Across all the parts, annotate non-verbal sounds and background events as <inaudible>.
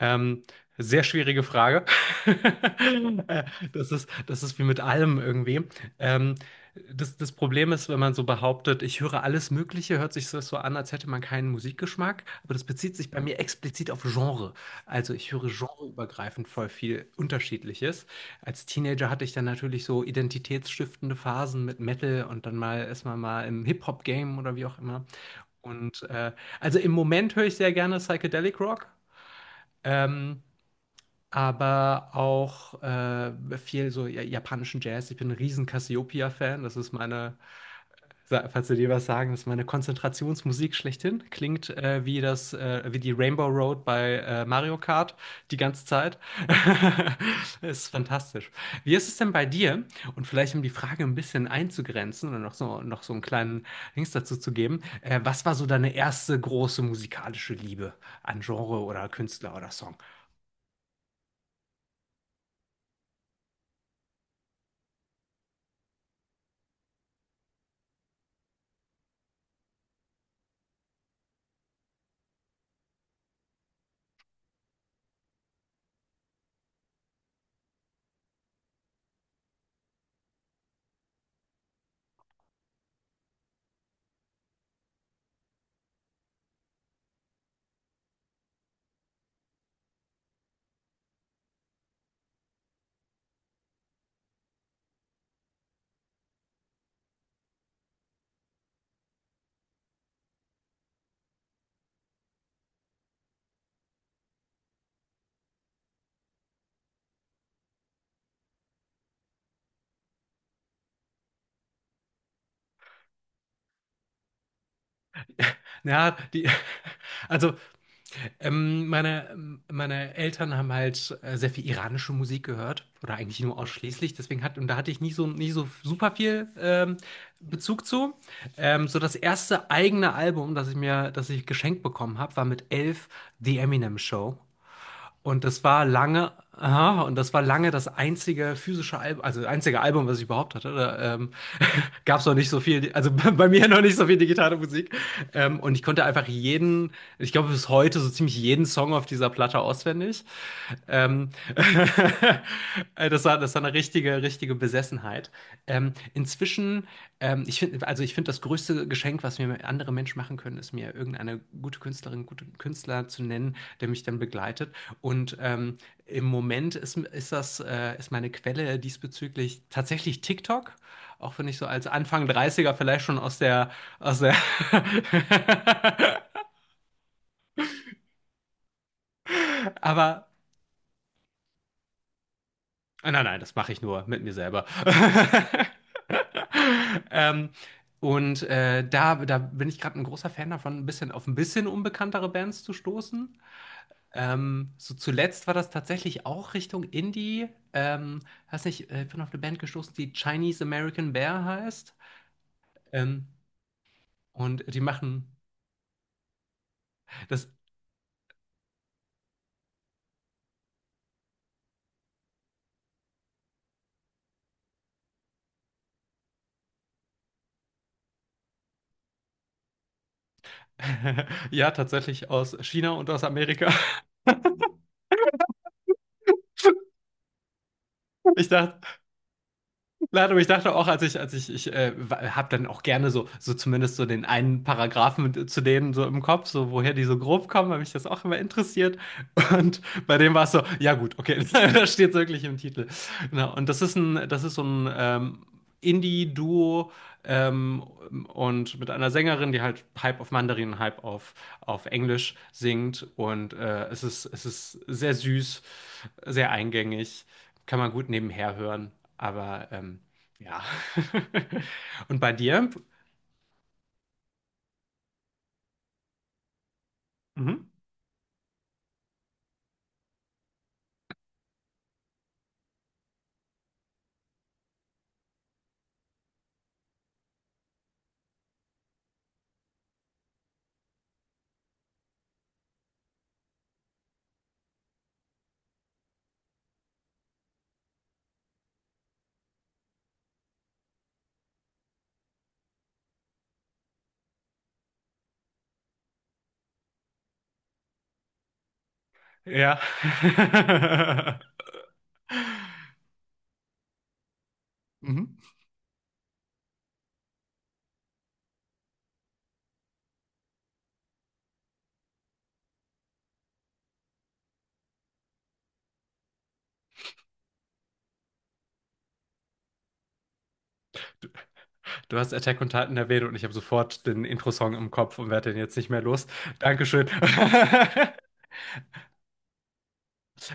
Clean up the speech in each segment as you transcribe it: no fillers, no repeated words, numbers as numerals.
Ähm, sehr schwierige Frage. <laughs> Äh, Das ist, das ist wie mit allem irgendwie. Ähm, das Problem ist, wenn man so behauptet, ich höre alles Mögliche, hört sich das so an, als hätte man keinen Musikgeschmack. Aber das bezieht sich bei mir explizit auf Genre. Also ich höre genreübergreifend voll viel Unterschiedliches. Als Teenager hatte ich dann natürlich so identitätsstiftende Phasen mit Metal und dann mal erstmal mal im Hip-Hop-Game oder wie auch immer. Und äh, also im Moment höre ich sehr gerne Psychedelic Rock. Ähm, aber auch viel so japanischen Jazz. Ich bin ein riesen Cassiopeia-Fan. Das ist meine, falls Sie dir was sagen, das ist meine Konzentrationsmusik schlechthin. Klingt wie das, wie die Rainbow Road bei Mario Kart die ganze Zeit. <laughs> Ist fantastisch. Wie ist es denn bei dir? Und vielleicht um die Frage ein bisschen einzugrenzen und noch so einen kleinen Links dazu zu geben. Was war so deine erste große musikalische Liebe an Genre oder Künstler oder Song? <laughs> Ja, die, also meine Eltern haben halt sehr viel iranische Musik gehört oder eigentlich nur ausschließlich. Deswegen hat, und da hatte ich nie so, nie so super viel Bezug zu. So das erste eigene Album, das ich geschenkt bekommen habe, war mit 11 The Eminem Show. Und das war lange, aha, und das war lange das einzige physische Album, also einzige Album, was ich überhaupt hatte. Da, <laughs> gab es noch nicht so viel, also <laughs> bei mir noch nicht so viel digitale Musik. Und ich konnte einfach jeden, ich glaube bis heute so ziemlich jeden Song auf dieser Platte auswendig. Ähm, <laughs> das war eine richtige, richtige Besessenheit. Inzwischen ich finde, also ich finde, das größte Geschenk, was mir andere Menschen machen können, ist mir irgendeine gute Künstlerin, gute Künstler zu nennen, der mich dann begleitet. Und ähm, im Moment ist, ist das, ist meine Quelle diesbezüglich tatsächlich TikTok. Auch wenn ich so als Anfang Dreißiger vielleicht schon aus der, aus der, <laughs> aber Nein, nein, das mache ich nur mit mir selber. <laughs> Ähm, und da, da bin ich gerade ein großer Fan davon, ein bisschen auf ein bisschen unbekanntere Bands zu stoßen. So zuletzt war das tatsächlich auch Richtung Indie. Ähm, weiß nicht, ich bin auf eine Band gestoßen, die Chinese American Bear heißt. Ähm, und die machen das <laughs> ja tatsächlich aus China und aus Amerika. <laughs> Ich dachte, Nein, aber ich dachte auch, als ich, ich habe dann auch gerne so, so zumindest so den einen Paragraphen zu denen so im Kopf, so woher die so grob kommen, weil mich das auch immer interessiert. Und bei dem war es so, ja gut, okay, <laughs> da steht es wirklich im Titel. Genau. Und das ist ein, das ist so ein Indie-Duo ähm, und mit einer Sängerin, die halt halb auf Mandarin, halb auf Englisch singt. Es ist sehr süß, sehr eingängig, kann man gut nebenher hören. Aber ja. <laughs> Und bei dir? Mhm. Ja. <laughs> Mhm. Du hast Attack on Titan erwähnt und ich habe sofort den Intro-Song im Kopf und werde den jetzt nicht mehr los. Dankeschön. <laughs>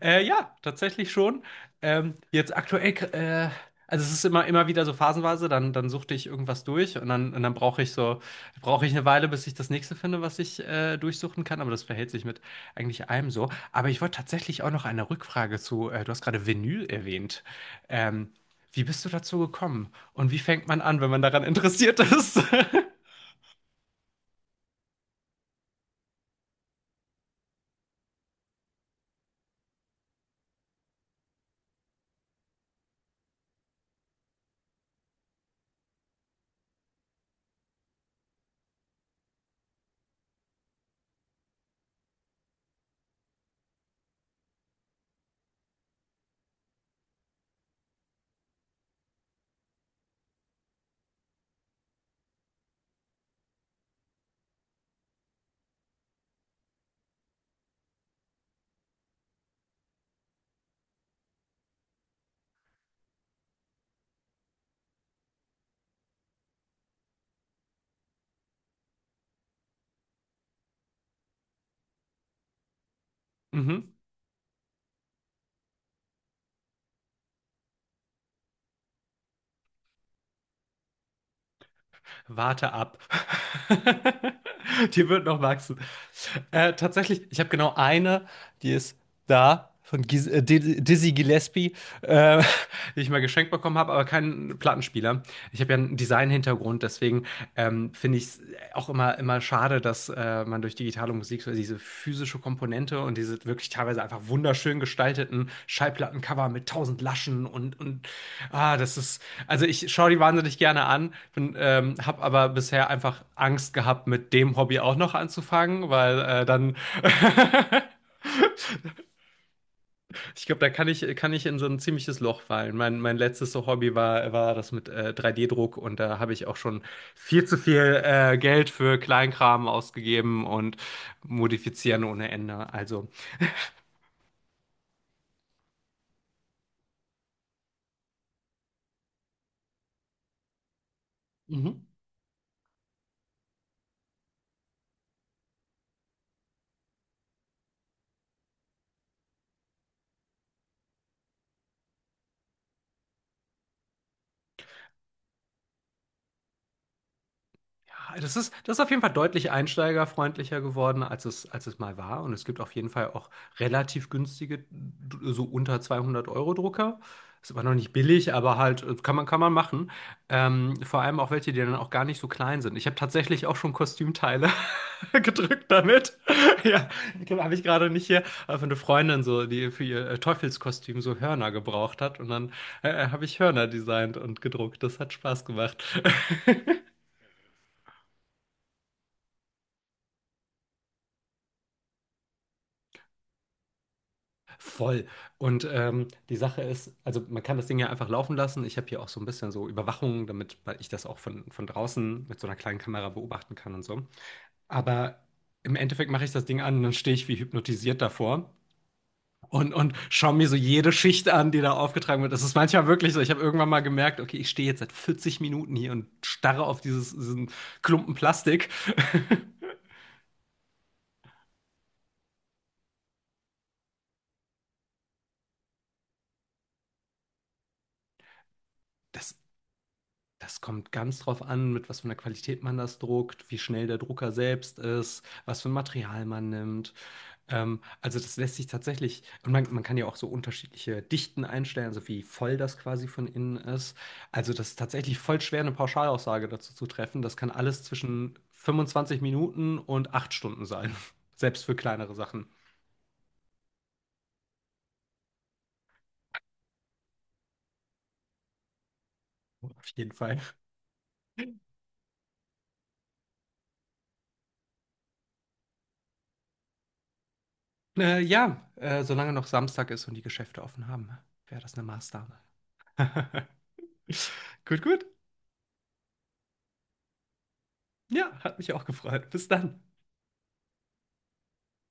Ja, tatsächlich schon. Jetzt aktuell, also es ist immer, immer wieder so phasenweise, dann, dann suchte ich irgendwas durch und dann brauche ich so, brauche ich eine Weile, bis ich das nächste finde, was ich durchsuchen kann, aber das verhält sich mit eigentlich allem so. Aber ich wollte tatsächlich auch noch eine Rückfrage zu, du hast gerade Vinyl erwähnt. Ähm, wie bist du dazu gekommen? Und wie fängt man an, wenn man daran interessiert ist? <laughs> Mhm. Warte ab. <laughs> Die wird noch wachsen. Tatsächlich, ich habe genau eine, die ist da. Von Dizzy Gillespie, äh, <laughs> die ich mal geschenkt bekommen habe, aber keinen Plattenspieler. Ich habe ja einen Design-Hintergrund, deswegen finde ich es auch immer, immer schade, dass man durch digitale Musik so diese physische Komponente und diese wirklich teilweise einfach wunderschön gestalteten Schallplattencover mit tausend Laschen und ah, das ist, also ich schaue die wahnsinnig gerne an, bin, habe aber bisher einfach Angst gehabt, mit dem Hobby auch noch anzufangen, weil dann <laughs> ich glaube, da kann ich in so ein ziemliches Loch fallen. Mein letztes so Hobby war, war das mit 3D-Druck und da habe ich auch schon viel zu viel Geld für Kleinkram ausgegeben und modifizieren ohne Ende. Also, mhm. Ja, das ist auf jeden Fall deutlich einsteigerfreundlicher geworden, als es mal war. Und es gibt auf jeden Fall auch relativ günstige, so unter 200 Euro Drucker. Ist immer noch nicht billig, aber halt kann man machen. Vor allem auch welche, die dann auch gar nicht so klein sind. Ich habe tatsächlich auch schon Kostümteile <laughs> gedrückt damit. <laughs> Ja, habe ich gerade nicht hier. Aber eine Freundin so, die für ihr Teufelskostüm so Hörner gebraucht hat. Und dann habe ich Hörner designt und gedruckt. Das hat Spaß gemacht. <laughs> Voll. Die Sache ist, also man kann das Ding ja einfach laufen lassen. Ich habe hier auch so ein bisschen so Überwachung, damit ich das auch von draußen mit so einer kleinen Kamera beobachten kann und so. Aber im Endeffekt mache ich das Ding an und dann stehe ich wie hypnotisiert davor und schaue mir so jede Schicht an, die da aufgetragen wird. Das ist manchmal wirklich so. Ich habe irgendwann mal gemerkt, okay, ich stehe jetzt seit 40 Minuten hier und starre auf dieses, diesen Klumpen Plastik. <laughs> Das Das kommt ganz drauf an, mit was für einer Qualität man das druckt, wie schnell der Drucker selbst ist, was für ein Material man nimmt. Also das lässt sich tatsächlich, und man kann ja auch so unterschiedliche Dichten einstellen, also wie voll das quasi von innen ist. Also das ist tatsächlich voll schwer, eine Pauschalaussage dazu zu treffen. Das kann alles zwischen 25 Minuten und 8 Stunden sein, <laughs> selbst für kleinere Sachen. Auf jeden Fall. Ja, solange noch Samstag ist und die Geschäfte offen haben, wäre das eine Maßnahme. <laughs> Gut, gut. Ja, hat mich auch gefreut. Bis dann.